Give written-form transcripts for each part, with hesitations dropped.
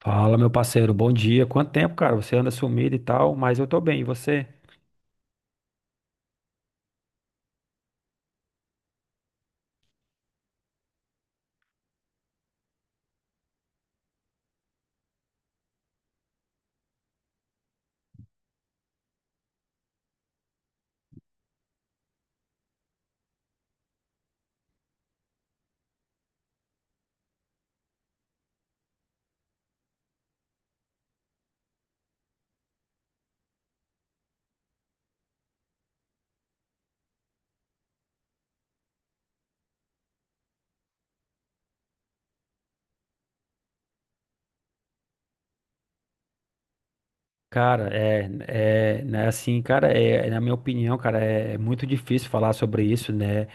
Fala, meu parceiro, bom dia. Quanto tempo, cara? Você anda sumido e tal, mas eu tô bem, e você? Cara, né, assim, cara, é, na minha opinião, cara, é muito difícil falar sobre isso, né?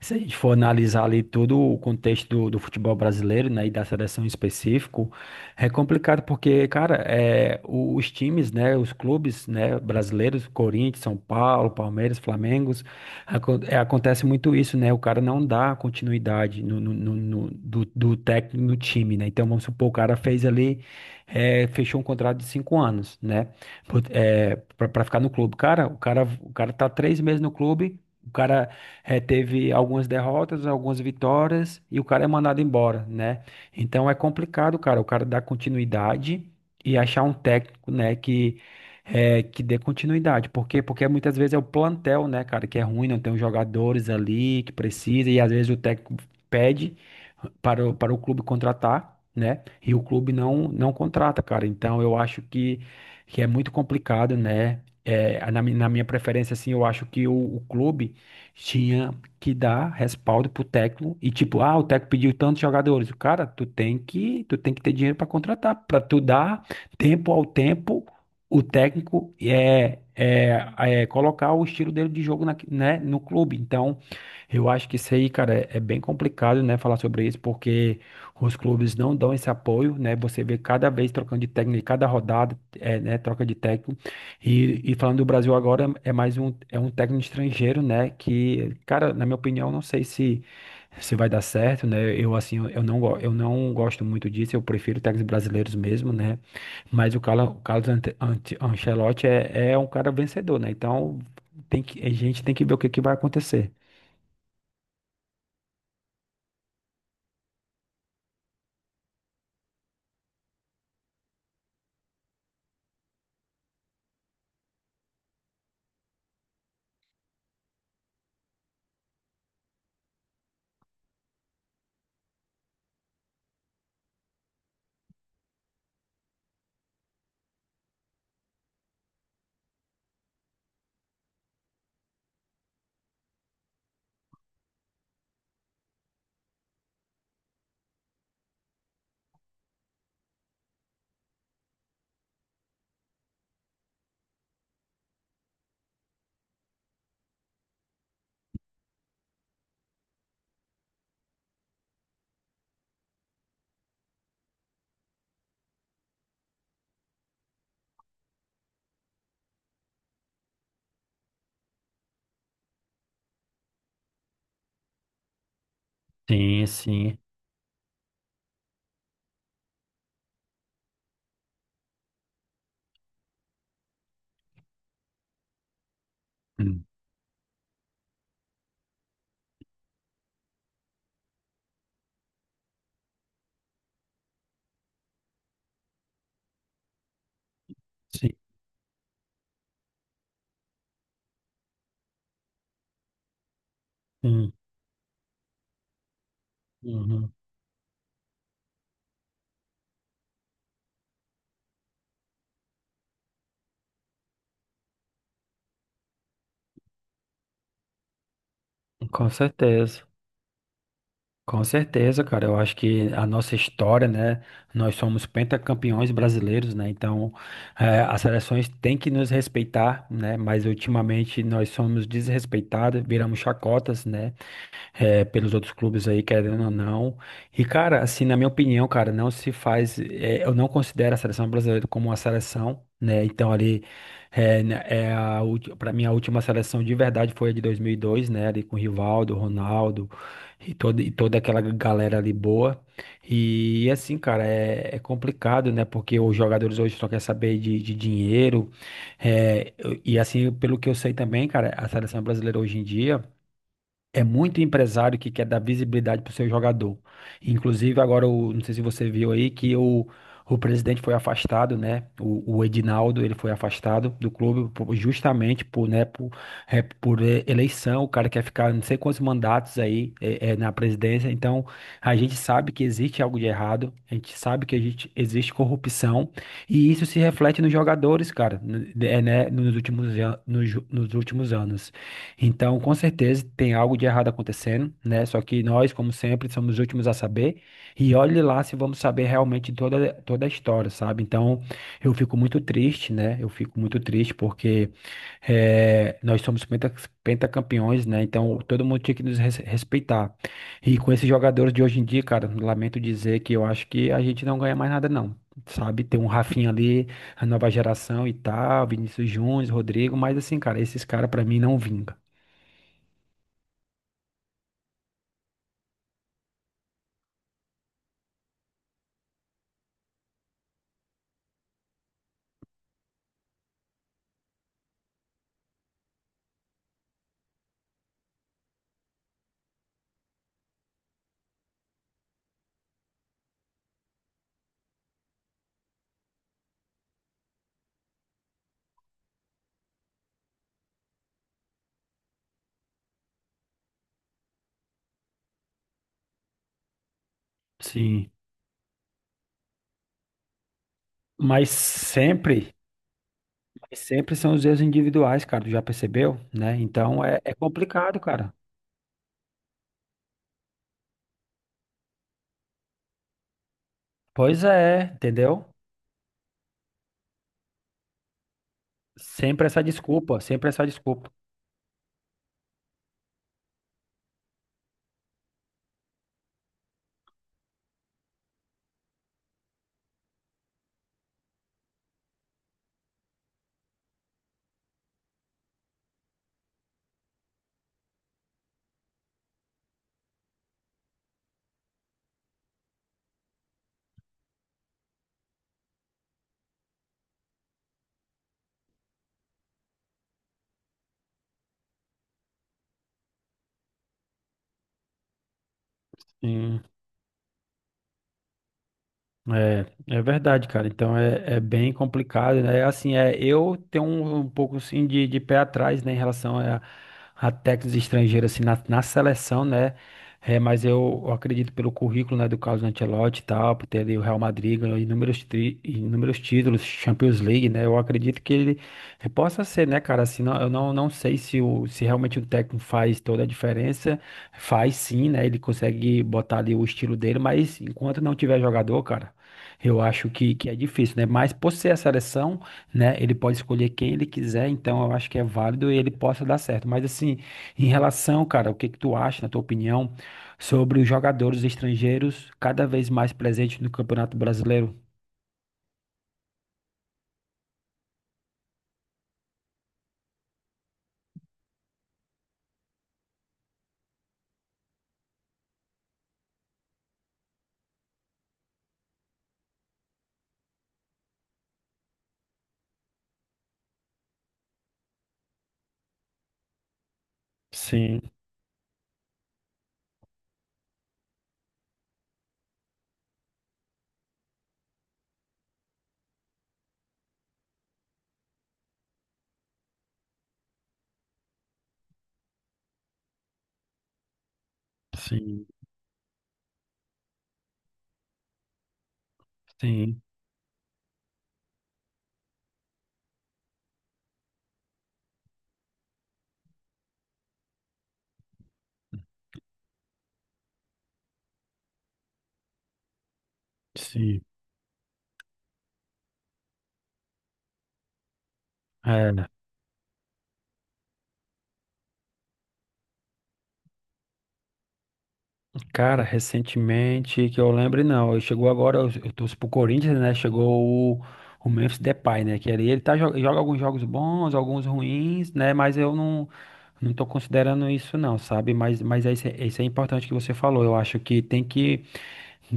Se a gente for analisar ali todo o contexto do futebol brasileiro, né, e da seleção em específico, é complicado porque, cara, os times, né, os clubes, né, brasileiros, Corinthians, São Paulo, Palmeiras, Flamengo, acontece muito isso, né? O cara não dá continuidade do técnico no time, né? Então, vamos supor, o cara fez ali fechou um contrato de cinco anos, né? Pra ficar no clube. Cara, o cara tá três meses no clube, o cara teve algumas derrotas, algumas vitórias e o cara é mandado embora, né? Então é complicado, cara, o cara dar continuidade e achar um técnico, né, que que dê continuidade. Por quê? Porque muitas vezes é o plantel, né, cara, que é ruim, não tem os jogadores ali que precisa e às vezes o técnico pede para para o clube contratar, né? E o clube não contrata, cara. Então eu acho que é muito complicado, né? É, na minha preferência, assim, eu acho que o clube tinha que dar respaldo pro técnico e tipo, ah, o técnico pediu tantos jogadores. Cara, tu tem que ter dinheiro para contratar, para tu dar tempo ao tempo, o técnico é colocar o estilo dele de jogo na, né, no clube. Então, eu acho que isso aí, cara, é bem complicado, né, falar sobre isso, porque os clubes não dão esse apoio, né? Você vê cada vez trocando de técnico, cada rodada, é, né? Troca de técnico. E falando do Brasil agora, é um técnico estrangeiro, né? Que, cara, na minha opinião, não sei se, se vai dar certo, né? Eu, assim, eu não gosto muito disso, eu prefiro técnicos brasileiros mesmo, né? Mas o Carlos Ancelotti é, é um cara vencedor, né? Então, a gente tem que ver o que, que vai acontecer. Sim, sim. Hum. Sim. Hum. Uhum. Com certeza. Com certeza, cara. Eu acho que a nossa história, né? Nós somos pentacampeões brasileiros, né? Então, as seleções têm que nos respeitar, né? Mas ultimamente nós somos desrespeitados, viramos chacotas, né? É, pelos outros clubes aí, querendo ou não. E, cara, assim, na minha opinião, cara, não se faz. É, eu não considero a seleção brasileira como uma seleção, né? Então, ali, pra mim, a última seleção de verdade foi a de 2002, né? Ali com Rivaldo, Ronaldo e toda aquela galera ali boa. E, assim, cara, é, é complicado, né? Porque os jogadores hoje só querem saber de dinheiro. E, assim, pelo que eu sei também, cara, a seleção brasileira hoje em dia. É muito empresário que quer dar visibilidade para o seu jogador. Inclusive, agora, não sei se você viu aí, que o presidente foi afastado, né? O Edinaldo, ele foi afastado do clube justamente por, né, por, é, eleição. O cara quer ficar não sei quantos mandatos aí é, na presidência. Então, a gente sabe que existe algo de errado. A gente sabe que existe corrupção. E isso se reflete nos jogadores, cara, né, nos últimos, an- nos ju- nos últimos anos. Então, com certeza, tem algo de errado acontecendo, né? Só que nós, como sempre, somos os últimos a saber. E olhe lá se vamos saber realmente toda a história, sabe? Então, eu fico muito triste, né? Eu fico muito triste porque eh, nós somos penta, pentacampeões, né? Então, todo mundo tinha que respeitar. E com esses jogadores de hoje em dia, cara, lamento dizer que eu acho que a gente não ganha mais nada, não. Sabe, tem um Rafinha ali, a nova geração e tal, Vinícius Júnior, Rodrigo, mas assim, cara, esses caras pra mim não vingam. Sim. Mas sempre, mas sempre são os erros individuais, cara. Tu já percebeu, né? Então é, é complicado, cara. Pois é, entendeu? Sempre essa desculpa, sempre essa desculpa. Sim. É, é verdade, cara. Então é, é bem complicado, né? Assim, é, eu tenho um pouco assim de pé atrás, né, em relação a técnicos estrangeiros assim na, na seleção, né? É, mas eu acredito pelo currículo, né, do Carlos Ancelotti e tal, por ter ali o Real Madrid ganhou inúmeros títulos, Champions League, né? Eu acredito que ele possa ser, né, cara? Assim, não, eu não, não sei se, o, se realmente o técnico faz toda a diferença. Faz sim, né? Ele consegue botar ali o estilo dele, mas enquanto não tiver jogador, cara. Eu acho que é difícil, né? Mas por ser a seleção, né? Ele pode escolher quem ele quiser, então eu acho que é válido e ele possa dar certo. Mas assim, em relação, cara, o que que tu acha, na tua opinião, sobre os jogadores estrangeiros cada vez mais presentes no Campeonato Brasileiro? Sim, sim, Sim. Sim. É. Cara, recentemente, que eu lembre, não. Chegou agora, eu torço pro Corinthians, né? Chegou o, o Memphis Depay, né? Que ali ele tá, joga, alguns jogos bons, alguns ruins, né? Mas eu não, não tô considerando isso, não, sabe? Mas é isso, é isso é importante que você falou. Eu acho que tem que.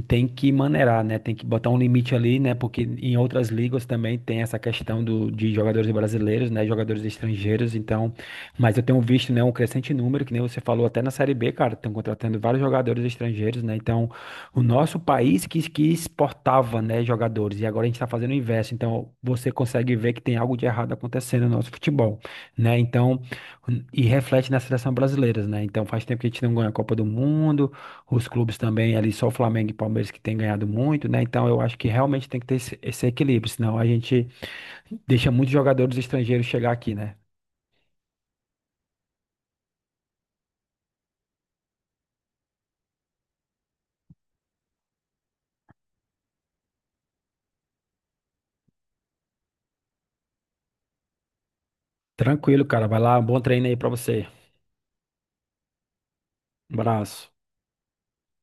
Tem que maneirar, né? Tem que botar um limite ali, né? Porque em outras ligas também tem essa questão do, de jogadores brasileiros, né? Jogadores estrangeiros, então. Mas eu tenho visto, né? Um crescente número, que nem você falou até na Série B, cara. Estão contratando vários jogadores estrangeiros, né? Então, o nosso país que exportava, né? Jogadores. E agora a gente está fazendo o inverso. Então, você consegue ver que tem algo de errado acontecendo no nosso futebol, né? Então, e reflete na seleção brasileira, né? Então, faz tempo que a gente não ganha a Copa do Mundo. Os clubes também ali, só o Flamengo e Palmeiras que têm ganhado muito, né? Então eu acho que realmente tem que ter esse, esse equilíbrio, senão a gente deixa muitos jogadores estrangeiros chegar aqui, né? Tranquilo, cara. Vai lá, um bom treino aí pra você. Um abraço.